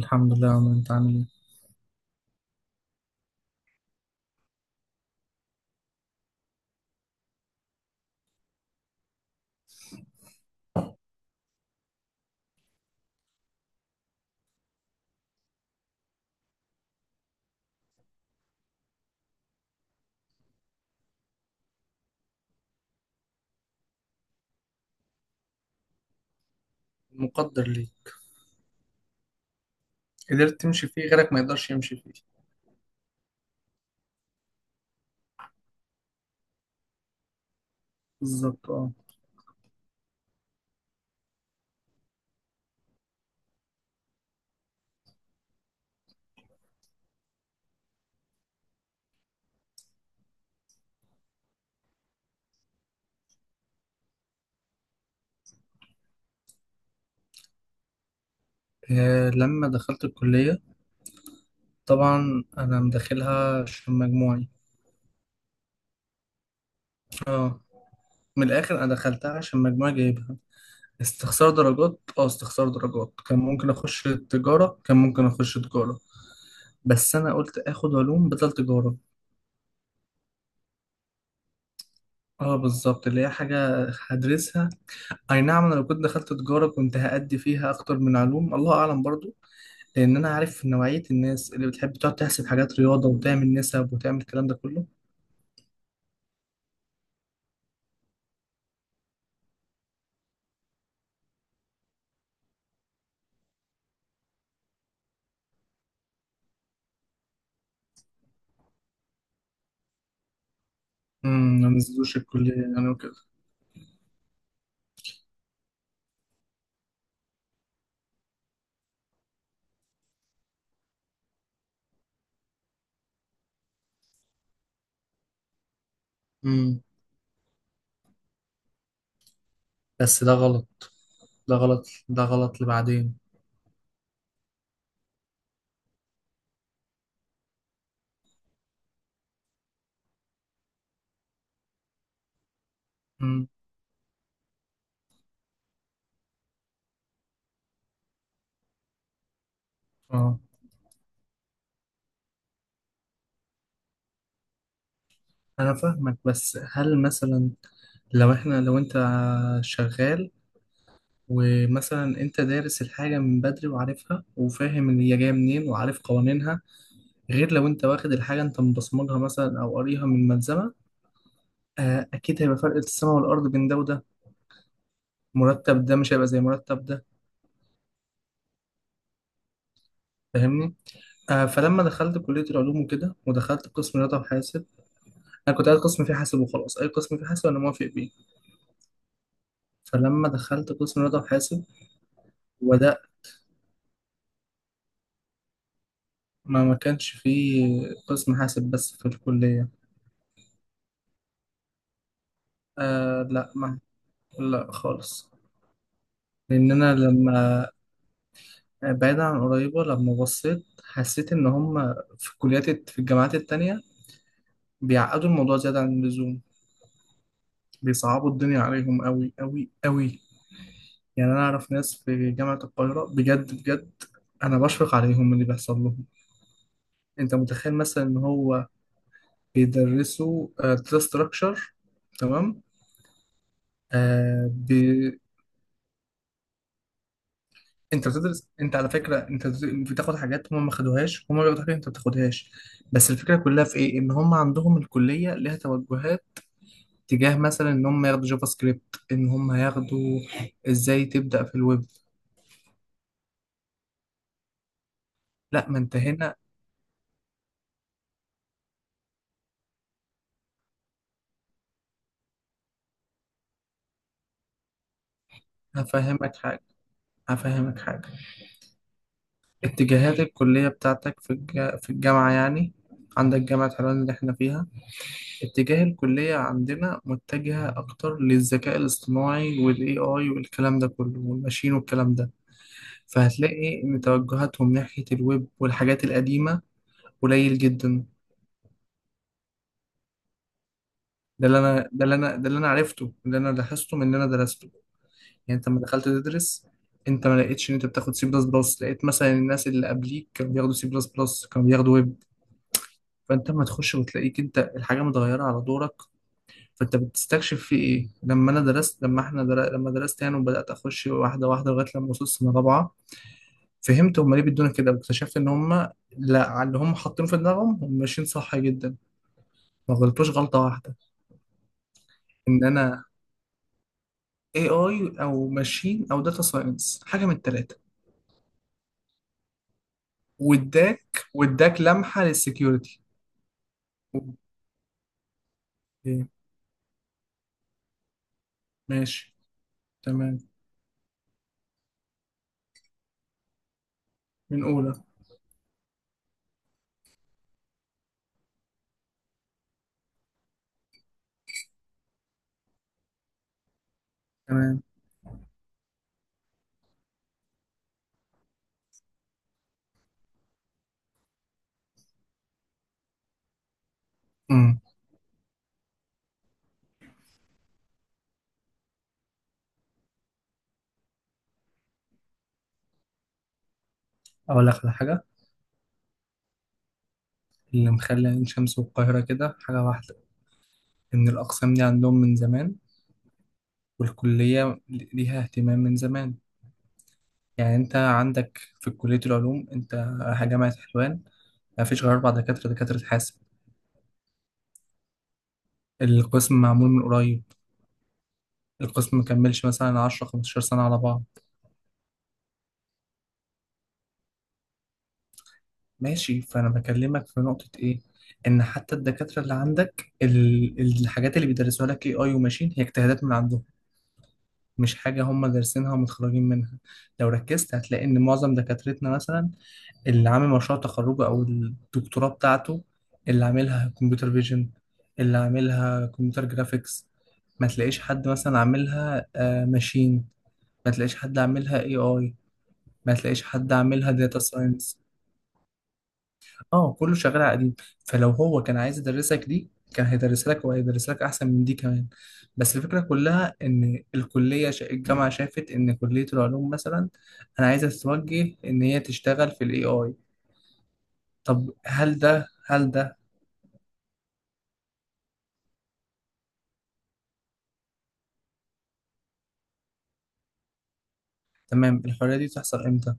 الحمد لله يا عمرو، انت عامل ايه؟ مقدر ليه؟ قدرت تمشي فيه، غيرك ما يقدرش يمشي فيه. بالظبط اه. لما دخلت الكلية طبعا انا مداخلها عشان مجموعي. اه. من الاخر انا دخلتها عشان مجموعي جايبها استخسار درجات، اه استخسار درجات، كان ممكن اخش تجارة، كان ممكن اخش تجارة، بس انا قلت اخد علوم بدل تجارة. اه بالظبط، اللي هي حاجة هدرسها. اي نعم، انا لو كنت دخلت تجارة كنت هأدي فيها اكتر من علوم، الله اعلم برضو، لان انا عارف نوعيه الناس اللي بتحب تقعد تحسب حاجات رياضه وتعمل نسب وتعمل الكلام ده كله. ما نزلوش الكليه يعني وكده. امم بس ده غلط، ده غلط، ده غلط لبعدين. امم اه انا فاهمك، بس هل مثلا لو انت شغال ومثلا انت دارس الحاجه من بدري وعارفها وفاهم ان هي جايه منين وعارف قوانينها، غير لو انت واخد الحاجه انت مبصمجها مثلا او قاريها من ملزمه؟ اكيد هيبقى فرق السماء والارض بين ده وده. مرتب ده مش هيبقى زي مرتب ده. فاهمني؟ فلما دخلت كلية العلوم وكده ودخلت قسم رياضة وحاسب. أنا كنت قاعد قسم فيه حاسب وخلاص، أي قسم فيه حاسب أنا موافق بيه. فلما دخلت قسم رياضة وحاسب وده ما كانش فيه قسم حاسب بس في الكلية. لا ما، لا خالص. لأن أنا لما، بعيدا عن قريبة، لما بصيت حسيت إن هم في في الجامعات التانية بيعقدوا الموضوع زيادة عن اللزوم، بيصعبوا الدنيا عليهم أوي أوي أوي. يعني انا اعرف ناس في جامعة القاهرة، بجد بجد انا بشفق عليهم من اللي بيحصل لهم. انت متخيل مثلا ان هو بيدرسوا داتا ستراكشر؟ تمام. آه ب... انت بتدرس، انت على فكرة انت بتاخد حاجات هم ما خدوهاش، هم بياخدوا حاجات انت ما بتاخدهاش. بس الفكرة كلها في ايه؟ ان هم عندهم الكلية ليها توجهات تجاه مثلا ان هم ياخدوا جافا سكريبت، ان هم ياخدوا ازاي تبدأ في الويب. لا ما انت هنا، هفهمك حاجة، هفهمك حاجة. اتجاهات الكلية بتاعتك في في الجامعة يعني. عندك جامعة حلوان اللي احنا فيها، اتجاه الكلية عندنا متجهة أكتر للذكاء الاصطناعي والاي اي والكلام ده كله والماشين والكلام ده. فهتلاقي إن توجهاتهم ناحية الويب والحاجات القديمة قليل جدا. ده اللي أنا ده اللي أنا ده اللي أنا عرفته، اللي أنا لاحظته من اللي أنا درسته. يعني أنت لما دخلت تدرس أنت ما لقيتش إن أنت بتاخد سي بلس بلس، لقيت مثلا الناس اللي قبليك كانوا بياخدوا سي بلس بلس، كانوا بياخدوا ويب. فانت لما تخش وتلاقيك انت الحاجه متغيره على دورك، فانت بتستكشف في ايه. لما انا درست، لما درست يعني وبدات اخش واحده واحده لغايه لما وصلت سنه رابعه فهمت هم ليه بيدونا كده، واكتشفت ان هم لا، على اللي هم حاطينه في دماغهم هم ماشيين صح جدا، ما غلطوش غلطه واحده. ان انا اي اي او ماشين او داتا ساينس، حاجه من الثلاثه. واداك لمحه للسكيورتي. اوكي، ماشي، تمام، من اولى، تمام. امم اقول لك على حاجه، اللي مخلي عين شمس والقاهرة كده حاجة واحدة، إن الأقسام دي عندهم من زمان والكلية ليها اهتمام من زمان. يعني أنت عندك في كلية العلوم أنت، جامعة حلوان، مفيش غير أربع دكاترة دكاترة حاسب. القسم معمول من قريب، القسم مكملش مثلا 10 15 سنة على بعض. ماشي، فأنا بكلمك في نقطة إيه، إن حتى الدكاترة اللي عندك الحاجات اللي بيدرسوها لك AI وماشين هي اجتهادات من عندهم، مش حاجة هم دارسينها ومتخرجين منها. لو ركزت هتلاقي إن معظم دكاترتنا مثلا، اللي عامل مشروع تخرجه أو الدكتوراه بتاعته، اللي عاملها كمبيوتر فيجن، اللي عاملها كمبيوتر جرافيكس، ما تلاقيش حد مثلا عاملها ماشين، ما تلاقيش حد عاملها اي اي، ما تلاقيش حد عاملها داتا ساينس. اه، كله شغال على قديم. فلو هو كان عايز يدرسك دي كان هيدرسها لك وهيدرس لك احسن من دي كمان. بس الفكره كلها ان الجامعه شافت ان كليه العلوم مثلا انا عايزه تتوجه ان هي تشتغل في الاي اي. طب هل ده تمام؟ الحريه دي تحصل امتى؟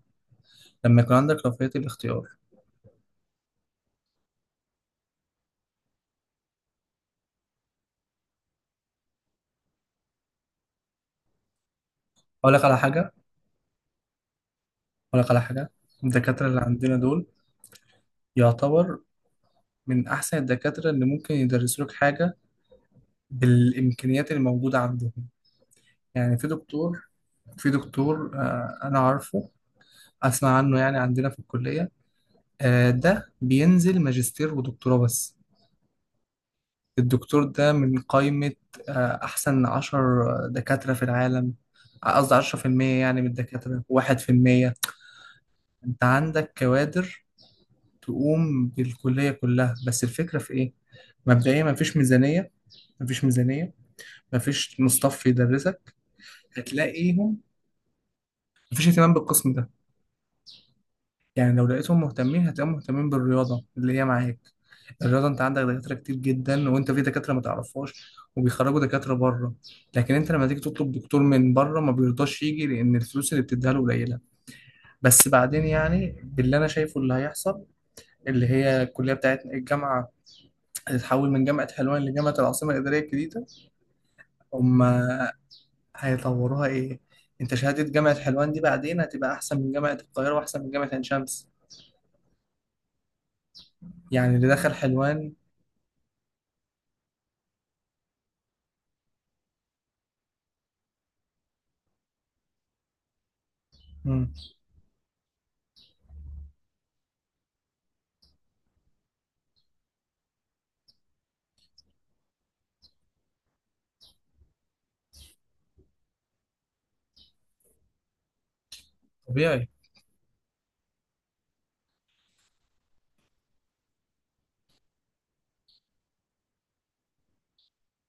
لما يكون عندك رفاهيه الاختيار. اقول لك على حاجه، اقول لك على حاجه، الدكاتره اللي عندنا دول يعتبر من احسن الدكاتره اللي ممكن يدرسوا لك حاجه بالامكانيات اللي موجوده عندهم. يعني في دكتور، في دكتور انا عارفه، اسمع عنه يعني، عندنا في الكلية. ده بينزل ماجستير ودكتوراه بس. الدكتور ده من قائمة احسن عشر دكاترة في العالم، قصدي عشرة في المية يعني، من الدكاترة واحد في المية. انت عندك كوادر تقوم بالكلية كلها، بس الفكرة في ايه؟ مبدئيا مفيش ميزانية، مفيش ميزانية، مفيش مصطف يدرسك. هتلاقيهم، مفيش اهتمام بالقسم ده. يعني لو لقيتهم مهتمين هتلاقيهم مهتمين بالرياضة اللي هي معاك. الرياضة انت عندك دكاترة كتير جدا، وانت في دكاترة ما تعرفهاش وبيخرجوا دكاترة بره. لكن انت لما تيجي تطلب دكتور من بره ما بيرضاش يجي لان الفلوس اللي بتديها له قليلة. بس بعدين يعني، باللي انا شايفه اللي هيحصل، اللي هي الكلية بتاعتنا، الجامعة هتتحول من جامعة حلوان لجامعة العاصمة الإدارية الجديدة. هم هيطوروها ايه؟ انت شهادة جامعة حلوان دي بعدين هتبقى احسن من جامعة القاهرة واحسن من جامعة عين شمس. يعني اللي دخل حلوان. طبيعي،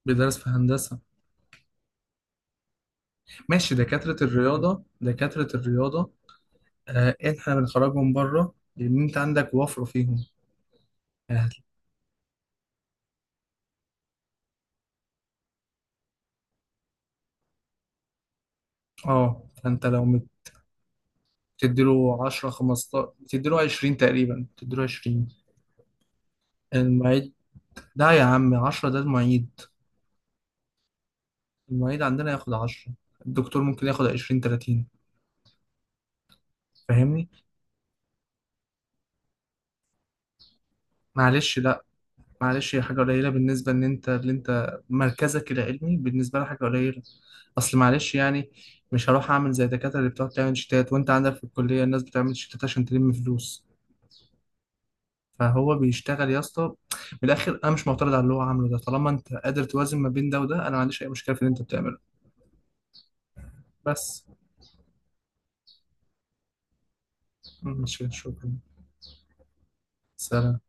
بيدرس في هندسة. ماشي، دكاترة الرياضة دكاترة الرياضة، احنا بنخرجهم بره لأن أنت عندك وفر فيهم. اه فأنت لو بتديله 10 15، بتديله 20 تقريبا، بتديله 20 المعيد. لا يا عم، 10 ده المعيد، المعيد عندنا ياخد 10، الدكتور ممكن ياخد 20 30. فاهمني؟ معلش لا، معلش هي حاجة قليلة بالنسبة إن أنت، اللي أنت مركزك العلمي بالنسبة لها حاجة قليلة. أصل معلش يعني، مش هروح أعمل زي الدكاترة اللي بتقعد تعمل شيتات، وأنت عندك في الكلية الناس بتعمل شيتات عشان تلم فلوس. فهو بيشتغل يا اسطى. من الآخر أنا مش معترض على اللي هو عامله ده طالما أنت قادر توازن ما بين ده وده، أنا ما عنديش أي مشكلة في اللي أنت بتعمله. بس. مش شكرا. سلام.